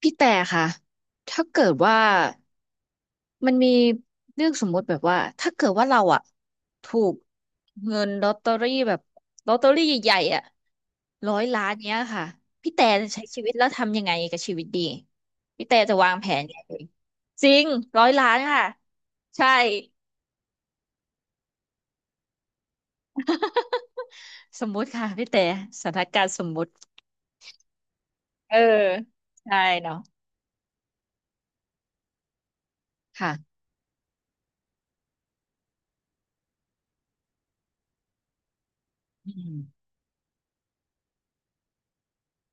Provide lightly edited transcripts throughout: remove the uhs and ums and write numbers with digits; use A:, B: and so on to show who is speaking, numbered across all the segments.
A: พี่แต่ค่ะถ้าเกิดว่ามันมีเรื่องสมมติแบบว่าถ้าเกิดว่าเราอ่ะถูกเงินลอตเตอรี่แบบลอตเตอรี่ใหญ่ๆอ่ะร้อยล้านเนี้ยค่ะพี่แต่จะใช้ชีวิตแล้วทำยังไงกับชีวิตดีพี่แต่จะวางแผนยังไงจริงร้อยล้านค่ะใช่สมมุติค่ะพี่แต่สถานการณ์สมมุติเออใช่เนาะค่ะอืม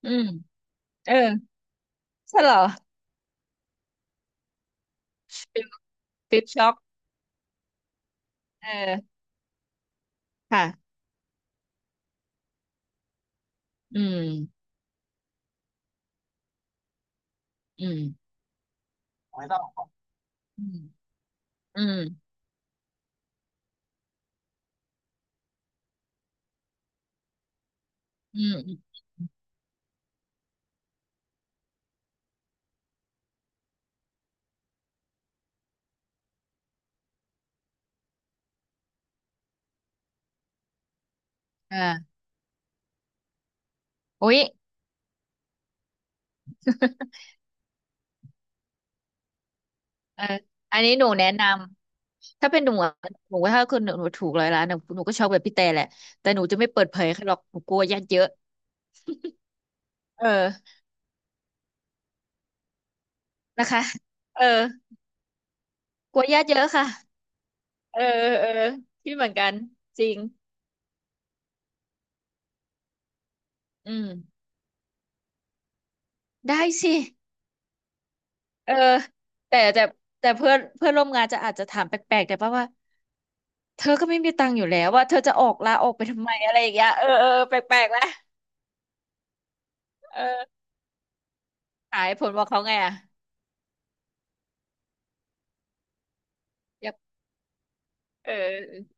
A: อืมเออใช่เหรอปิ๊บปิ๊บช็อกเออ ค่ะอืมอืมไม่ต้องอืมอืมอืมอืมเอออุ๊ยเอออันนี้หนูแนะนำถ้าเป็นหนูอะหนูว่าถ้าคือหนูถูกร้อยล้านหนูก็ชอบแบบพี่แต่แหละแต่หนูจะไม่เปิดเผยใครหรอกหนูกลัวญาติเยอะเออนะคะเออกลัวญาติเยอะค่ะเออเออพี่เหมือนกันจริงอืมได้สิเออแต่แต่แต่เพื่อนเพื่อนร่วมงานจะอาจจะถามแปลกๆแต่ป่ะว่า เธอก็ไม่มีตังค์อยู่แล้วว่าเธอจะออกลาออกไปทำไมอะไรอย่างเงี้ยเออเออแปลกๆแล้วเออหายผลบอกเขาไงอ่ะยับเออ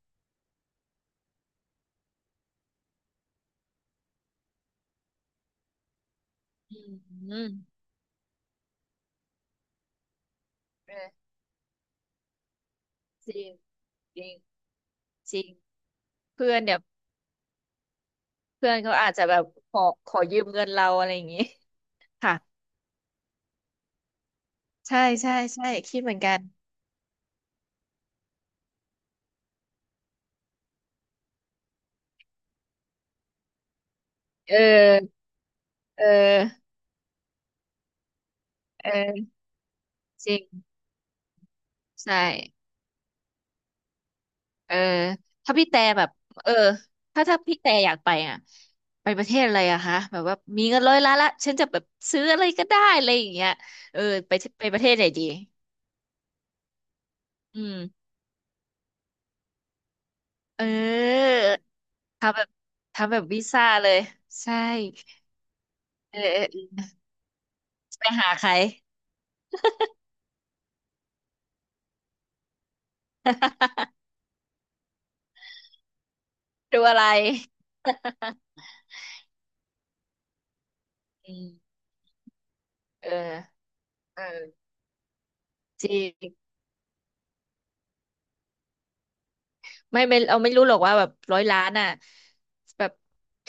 A: อืมอืมเออจริงจริงจริงเพื่อนเดี๋ยวเพื่อนเขาอาจจะแบบขอขอยืมเงินเราอะไรอย่างงี้ค่ะใช่ใช่ใช่คิดเหมือนกันเออเออเออจริงใช่ เออถ้าพี่แต่แบบเออถ้าถ้าพี่แต่อยากไปอ่ะไปประเทศอะไรอะคะแบบว่ามีเงินร้อยล้านละฉันจะแบบซื้ออะไรก็ได้อะไรอย่างเงี้ยเออไปไปประเทศไหนดีอืมเออทำแบบทำแบบวีซ่าเลยใช่เออเออเออไปหาใครดูอะไร อืมเออเออจริง ไม่ไม่เราไม่รู้หรอกว่าแบบร้อยล้านอ่ะแบบ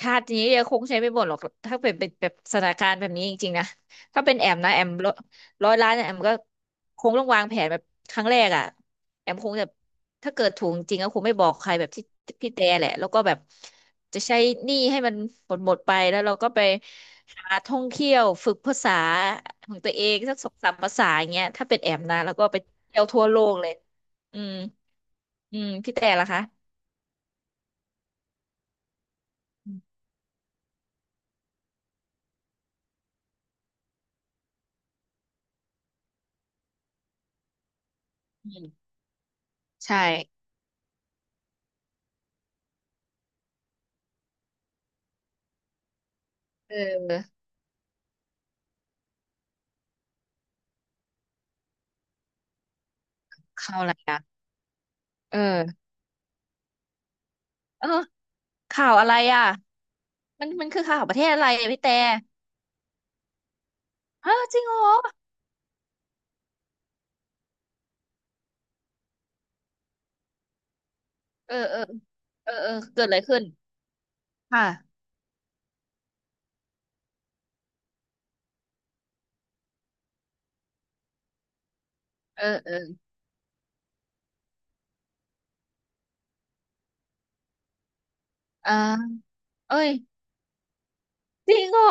A: ชาตินี้ยังคงใช้ไม่หมดหรอกถ้าเป็นแบบสถานการณ์แบบนี้จริงๆนะถ้าเป็นแอมนะแอมร้อยล้านเนี่ยแอมก็คงต้องวางแผนแบบครั้งแรกอ่ะแอมคงจะถ้าเกิดถูกจริงก็คงไม่บอกใครแบบที่พี่แต่แหละแล้วก็แบบจะใช้หนี้ให้มันหมดไปแล้วเราก็ไปหาท่องเที่ยวฝึกภาษาของตัวเองสักสองสามภาษาอย่างเงี้ยถ้าเป็นแอมนะแล้วก็ไปเที่ยวทั่วโลกเลยอืม อืมพี่แต่ล่ะคะอืมอืมใช่เออข่าวอะไรอ่ะเออเออข่าวอะไรอ่ะมันมันคือข่าวประเทศอะไรอ่ะพี่แต่ฮะจริงเหรอเออเออเออเออเกิดอะไรขึ้นค่ะเออเอออ่าเอ้ยจริงเหรอ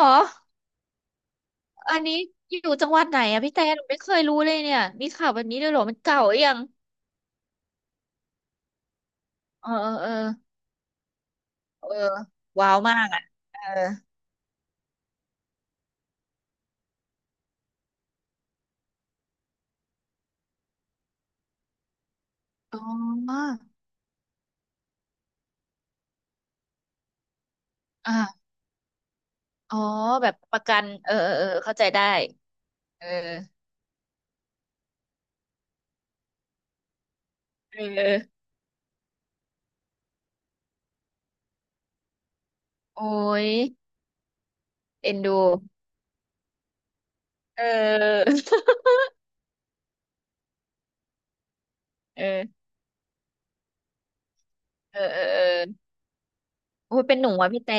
A: อันนี้อยู่จังหวัดไหนอ่ะพี่แต่หนูไม่เคยรู้เลยเนี่ยมีข่าวแบบนี้ด้วยเหรอมันเก่าหรือยังเออเออเออเออว้าวมากอ่ะเออออ๋ออ่าอ๋อแบบประกันเออเออเออเข้าใจได้ เออเออโอ้ยเอ็นดูเออ เออเออเออเออโอ้ยเป็นหนูว่ะพี่แต่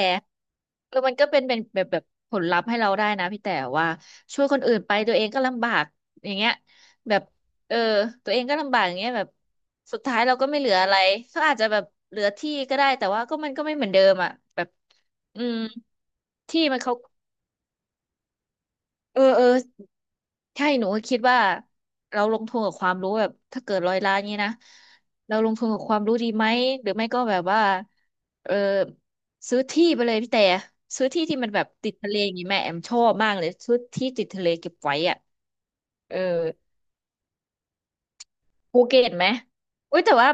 A: เออมันก็เป็นแบบแบบผลลัพธ์ให้เราได้นะพี่แต่ว่าช่วยคนอื่นไปตัวเองก็ลำบากอย่างเงี้ยแบบเออตัวเองก็ลำบากอย่างเงี้ยแบบสุดท้ายเราก็ไม่เหลืออะไรเขาอาจจะแบบเหลือที่ก็ได้แต่ว่าก็มันก็ไม่เหมือนเดิมอ่ะแบบอืมที่มันเขาเออเออ ใช่หนูก็คิดว่าเราลงทุนกับความรู้แบบถ้าเกิดร้อยล้านนี้นะเราลงทุนกับความรู้ดีไหมหรือไม่ก็แบบว่าเออซื้อที่ไปเลยพี่แต่ซื้อที่ที่มันแบบติดทะเลอย่างนี้แม่แอมชอบมากเลยซื้อที่ติดทะเลเก็บไว้อ่ะเออภูเก็ตไหมอุ้ยแต่ว่า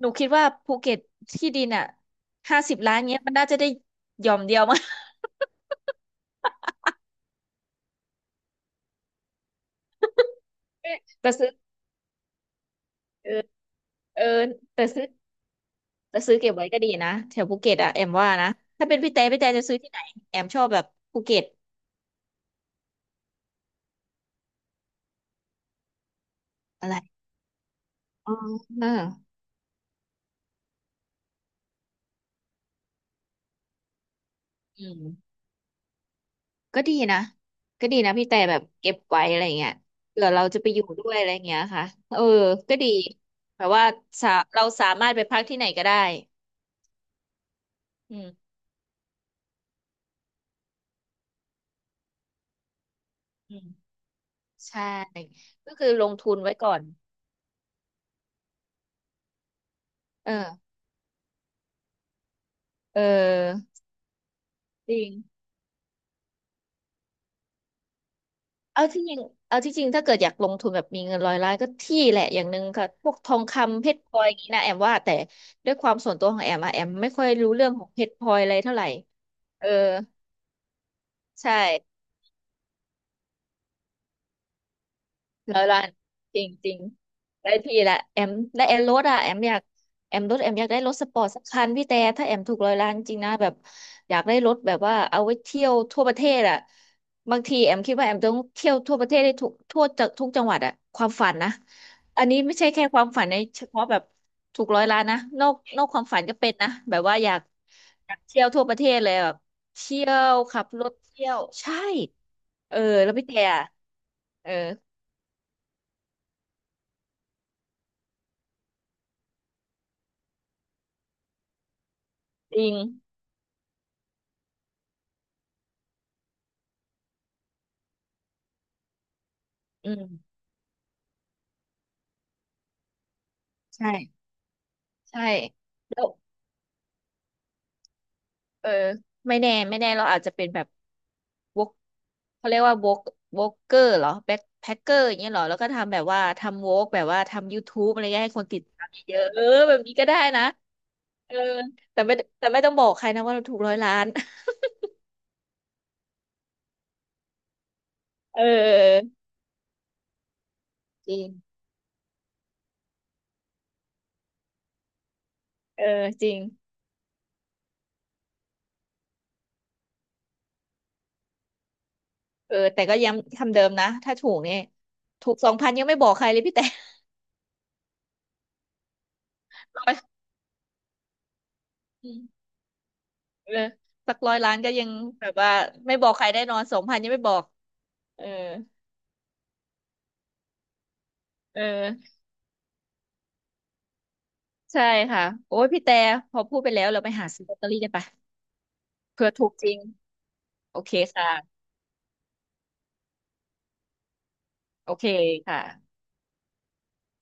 A: หนูคิดว่าภูเก็ตที่ดินอ่ะ50 ล้านเงี้ยมันน่าจะได้หย่อมเดียวมั้ง แต่ซื้อเออเออแต่ซื้อ แล้วซื้อเก็บไว้ก็ดีนะแถวภูเก็ตอะแอมว่านะถ้าเป็นพี่แต่พี่แต่จะซื้อที่ไหนแอมชอบแบบภูเก็ตอะไรอ๋อเอออืมก็ดีนะก็ดีนะพี่แต่แบบเก็บไว้อะไรเงี้ยเผื่อเราจะไปอยู่ด้วยอะไรเงี้ยค่ะเออก็ดีแบบว่าสาเราสามารถไปพักที่ไหนก็ได้อืมอืมใช่ก็คือลงทุนไว้ก่อนเออเออจริง เอาที่จริงเอาที่จริงถ้าเกิดอยากลงทุนแบบมีเงินร้อยล้านก็ที่แหละอย่างหนึ่งค่ะพวกทองคำเพชรพลอยอย่างนี้นะแอมว่าแต่ด้วยความส่วนตัวของแอมอะแอมไม่ค่อยรู้เรื่องของเพชรพลอยอะไรเท่าไหร่เออใช่ รลอยล้านจริงจริงได้ที่ละแอมและแอมรถอ่ะแอมอยากแอมรถแอมอยากได้รถสปอร์ตสักคันพี่แต่ถ้าแอมถูกร้อยล้านจริงนะแบบอยากได้รถแบบว่าเอาไว้เที่ยวทั่วประเทศอ่ะบางทีแอมคิดว่าแอมต้องเที่ยวทั่วประเทศได้ทุกทั่วจากทุกจังหวัดอ่ะความฝันนะอันนี้ไม่ใช่แค่ความฝันในเฉพาะแบบถูกร้อยล้านนะนอกความฝันก็เป็นนะแบบว่าอยากอยากเที่ยวทั่วประเทศเลยแบบเที่ยวขับรถเที่ยวใช่เออแล้วพี่แต่อะเออ จริงอืมใช่ใช่แล้วเออไม่แน่ไม่แน่เราอาจจะเป็นแบบวกเขาเรียกว่าวกวกเกอร์เหรอแบ็คแพ็คเกอร์อย่างเงี้ยเหรอแล้วก็ทำแบบว่าทำวกแบบว่าทำ YouTube อะไรเงี้ยให้คนติดตามเยอะๆเออแบบนี้ก็ได้นะเออแต่ไม่แต่ไม่ต้องบอกใครนะว่าเราถูกร้อยล้าน เออจริงเออจริงเออแต่ก็ย้ำคำเดิมนะถ้าถูกเนี่ยถูกสองพันยังไม่บอกใครเลยพี่แต่ ร้อย เออสัก100 ล้านก็ยังแบบว่าไม่บอกใครแน่นอนสองพันยังไม่บอกเออเออใช่ค่ะโอ้ยพี่แต่พอพูดไปแล้วเราไปหาซื้อลอตเตอรี่กันไปะเผื่อถูกจริงโอเคค่ะโอเคค่ะ